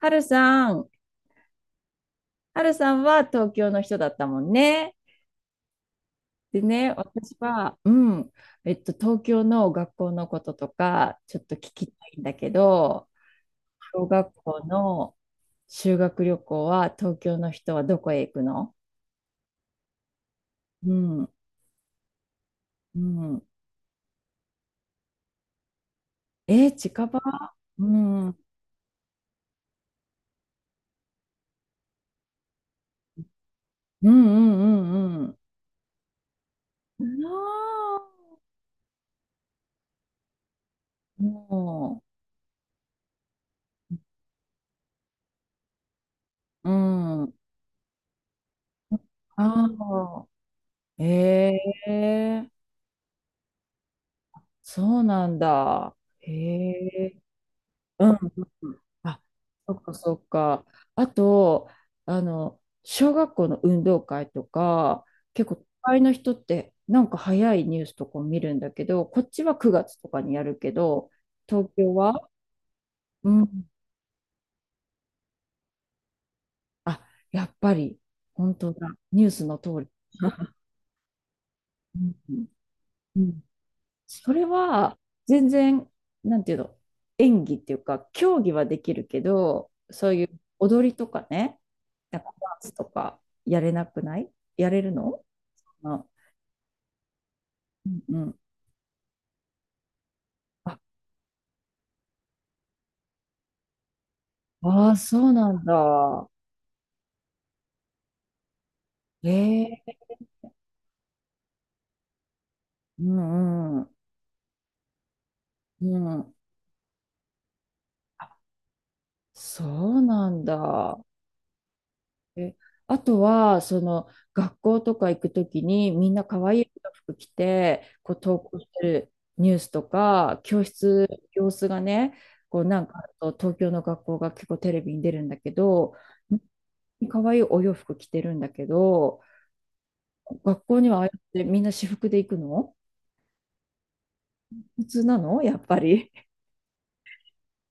はるさん、はるさんは東京の人だったもんね。でね、私は、うん、東京の学校のこととか、ちょっと聞きたいんだけど、小学校の修学旅行は、東京の人はどこへ行くの？うん、うん。えー、近場？うん、うん、うん、うん、うん。なあ、もう、うん。ああ、ええ、そうなんだ。へえ。うん。あ、そっかそっか。あと、あの、小学校の運動会とか、結構都会の人ってなんか早いニュースとかを見るんだけど、こっちは9月とかにやるけど、東京は？うん。あ、やっぱり、本当だ。ニュースの通り。うん。うん、それは全然、なんていうの、演技っていうか、競技はできるけど、そういう踊りとかね、なんかダンスとかやれなくない？やれるの？あ、うんうん。あ、あー、そうなんだ。ええ、うんうん。うん。あ、そうなんだ。え、あとは、その学校とか行くときにみんな可愛い服着て、こう投稿してるニュースとか、教室、様子がね、こうなんかあると東京の学校が結構テレビに出るんだけど、可愛いお洋服着てるんだけど、学校にはああやってみんな私服で行くの？普通なのやっぱり。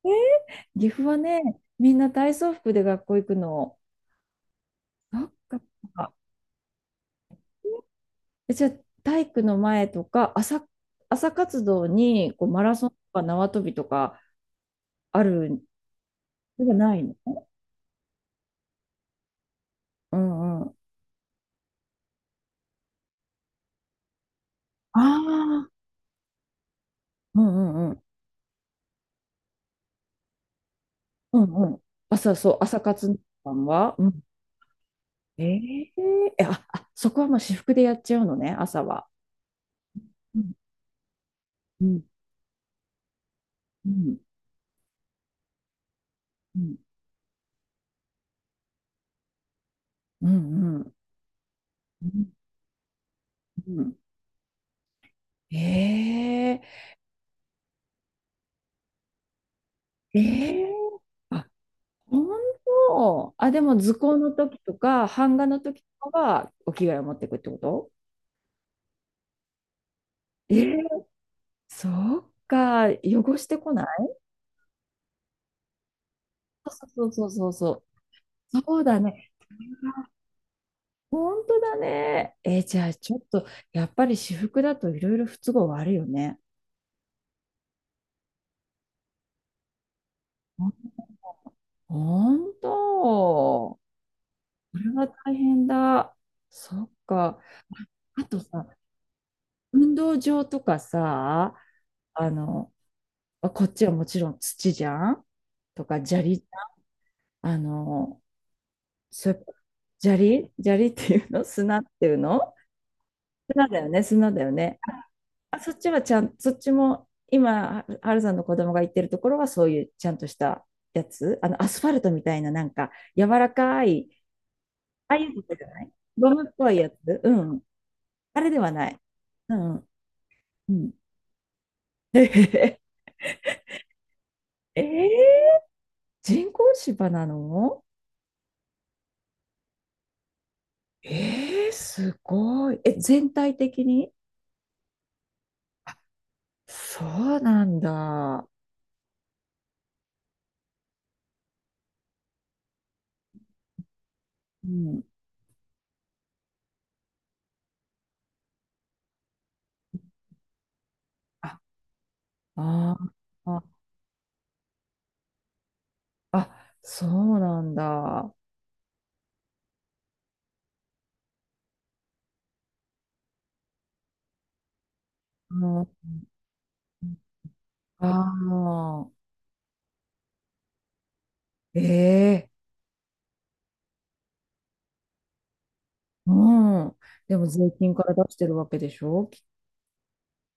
岐阜はね、みんな体操服で学校行くの。そっか。え、じゃあ体育の前とか朝、朝活動にこうマラソンとか縄跳びとかある？それがないの？うんうん。ああ、うんうんうん。うんうん。朝、そう、朝活動は、うん、ええ、えあ、あ、そこはもう私服でやっちゃうのね、朝は。うんうんうんうんうんうんうんうん。ええ、ええ、あ、本当？あ、でも図工の時とか、版画の時とかはお着替えを持ってくってこと？えー、そっか、汚してこない？そうそうそうそうそう。そうだね。本当だね。えー、じゃあちょっと、やっぱり私服だといろいろ不都合はあるよね。本当。これは大変だ。そっか。あとさ、運動場とかさ、あの、こっちはもちろん土じゃん、とか砂利、あの、す、砂利砂利っていうの？ 砂っていうの？砂だよね、砂だよね。あ、そっちはちゃん、そっちも、今、ははるさんの子供が行ってるところは、そういうちゃんとしたやつ、あの、アスファルトみたいな、なんか、柔らかい、ああいうのじゃない？ゴムっぽいやつ？うん。あれではない？うん。うん。えー、人工芝なの？えー、すごい。え、全体的に？そうなんだ。うん。ああー、あ、そうなんだ。うん、ああ、ええ、うん。でも税金から出してるわけでしょ、きっ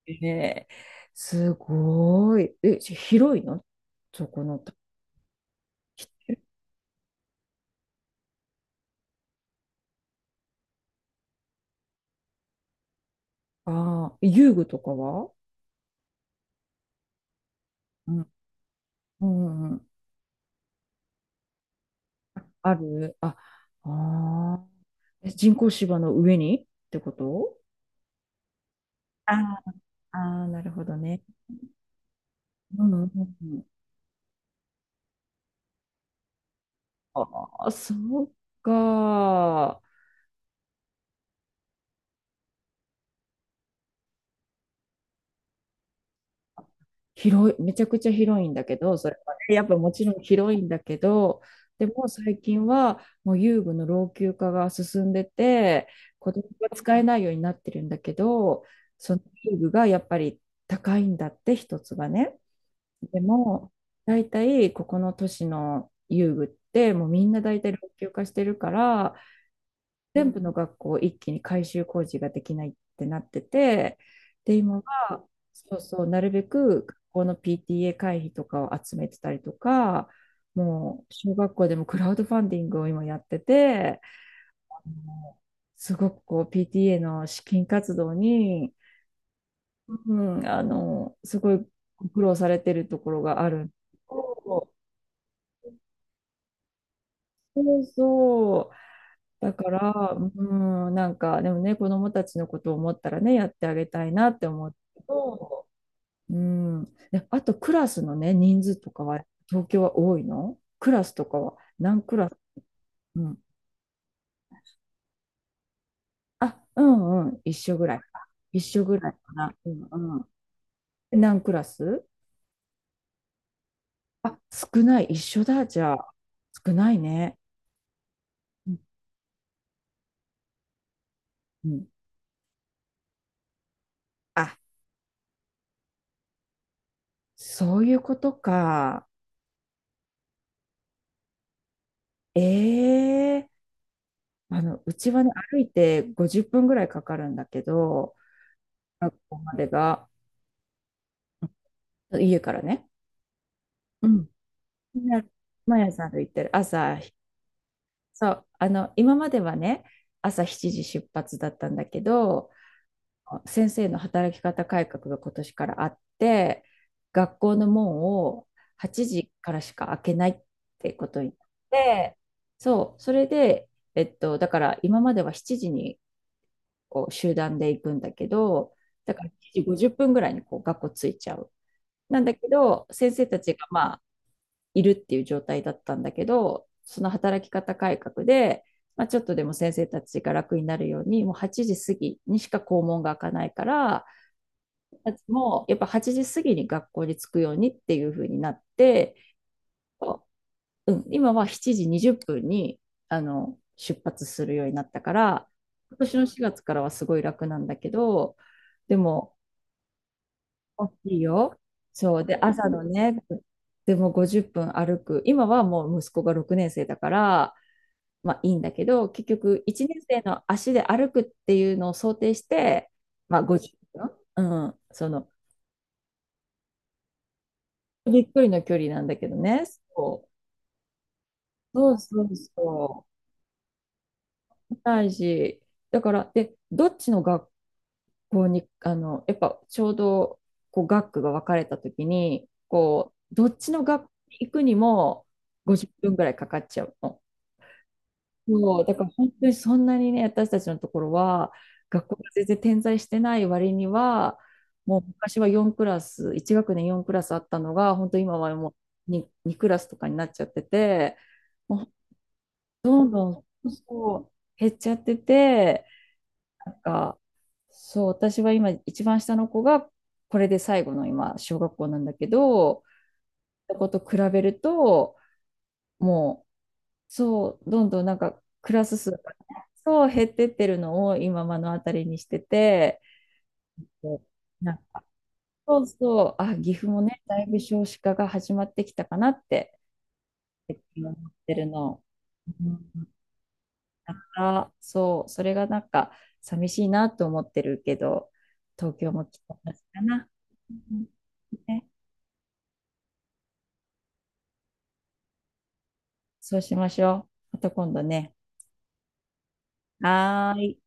とね。すごい。え、し、広いの？そこの。ああ、遊具とかは？うんうんうん。あるあ、ああ。え、人工芝の上にってこと？ああ、あー、なるほどね。うんうんうん。ああ、そうか。広い、めちゃくちゃ広いんだけど、それはね、やっぱもちろん広いんだけど、でも最近はもう遊具の老朽化が進んでて、子供が使えないようになってるんだけど、その遊具がやっぱり高いんだって、一つがね。でも、大体ここの都市の遊具って、もうみんな大体老朽化してるから、全部の学校一気に改修工事ができないってなってて、で、今は、そうそう、なるべく学校の PTA 会費とかを集めてたりとか、もう小学校でもクラウドファンディングを今やってて、すごくこう PTA の資金活動に、うん、あの、すごいご苦労されてるところがある。そうそう、だから、うん、なんか、でもね、子供たちのことを思ったらね、やってあげたいなって思うけど、うん。で、あと、クラスのね、人数とかは、東京は多いの？クラスとかは、何クラス？うん。あ、うんうん、一緒ぐらいか。一緒ぐらいかな。うんうん。で何クラス？あ、少ない、一緒だ、じゃあ。少ないね。うんうん。あ、そういうことか。ええ、あの、うちはね、歩いて50分ぐらいかかるんだけど、学校までが、家からね。うん。みんな毎朝歩いてる。朝、そう、あの、今まではね、朝7時出発だったんだけど、先生の働き方改革が今年からあって、学校の門を8時からしか開けないってことになって、そう、それで、だから今までは7時にこう集団で行くんだけど、だから7時50分ぐらいにこう学校着いちゃう。なんだけど、先生たちがまあいるっていう状態だったんだけど、その働き方改革で、まあ、ちょっとでも先生たちが楽になるように、もう8時過ぎにしか校門が開かないから、もうやっぱ8時過ぎに学校に着くようにっていう風になって、うん、今は7時20分に、あの、出発するようになったから、今年の4月からはすごい楽なんだけど、でも大きいよ。そう。で、朝のね、でも50分歩く。今はもう息子が6年生だから、まあいいんだけど、結局1年生の足で歩くっていうのを想定して、まあ50分。うん。その、びっくりの距離なんだけどね。そう。そうそうそう。大事。だから、で、どっちの学こうに、あの、やっぱちょうど、こう、学区が分かれたときに、こう、どっちの学区に行くにも50分ぐらいかかっちゃうの。そう、だから本当にそんなにね、私たちのところは、学校が全然点在してない割には、もう昔は4クラス、1学年4クラスあったのが、本当今はもう 2, 2クラスとかになっちゃってて、もうどんどん、そう減っちゃってて、なんか、そう、私は今、一番下の子が、これで最後の今、小学校なんだけど、そこと比べると、もう、そう、どんどんなんか、クラス数がね、そう、減ってってるのを今、目の当たりにしてて、で、なんか、そうそう、あ、岐阜もね、だいぶ少子化が始まってきたかなって、最近思ってるの。うんから、そう、それがなんか寂しいなと思ってるけど、東京も来た同じかな。うん、ね、そうしましょう。また今度ね。はーい。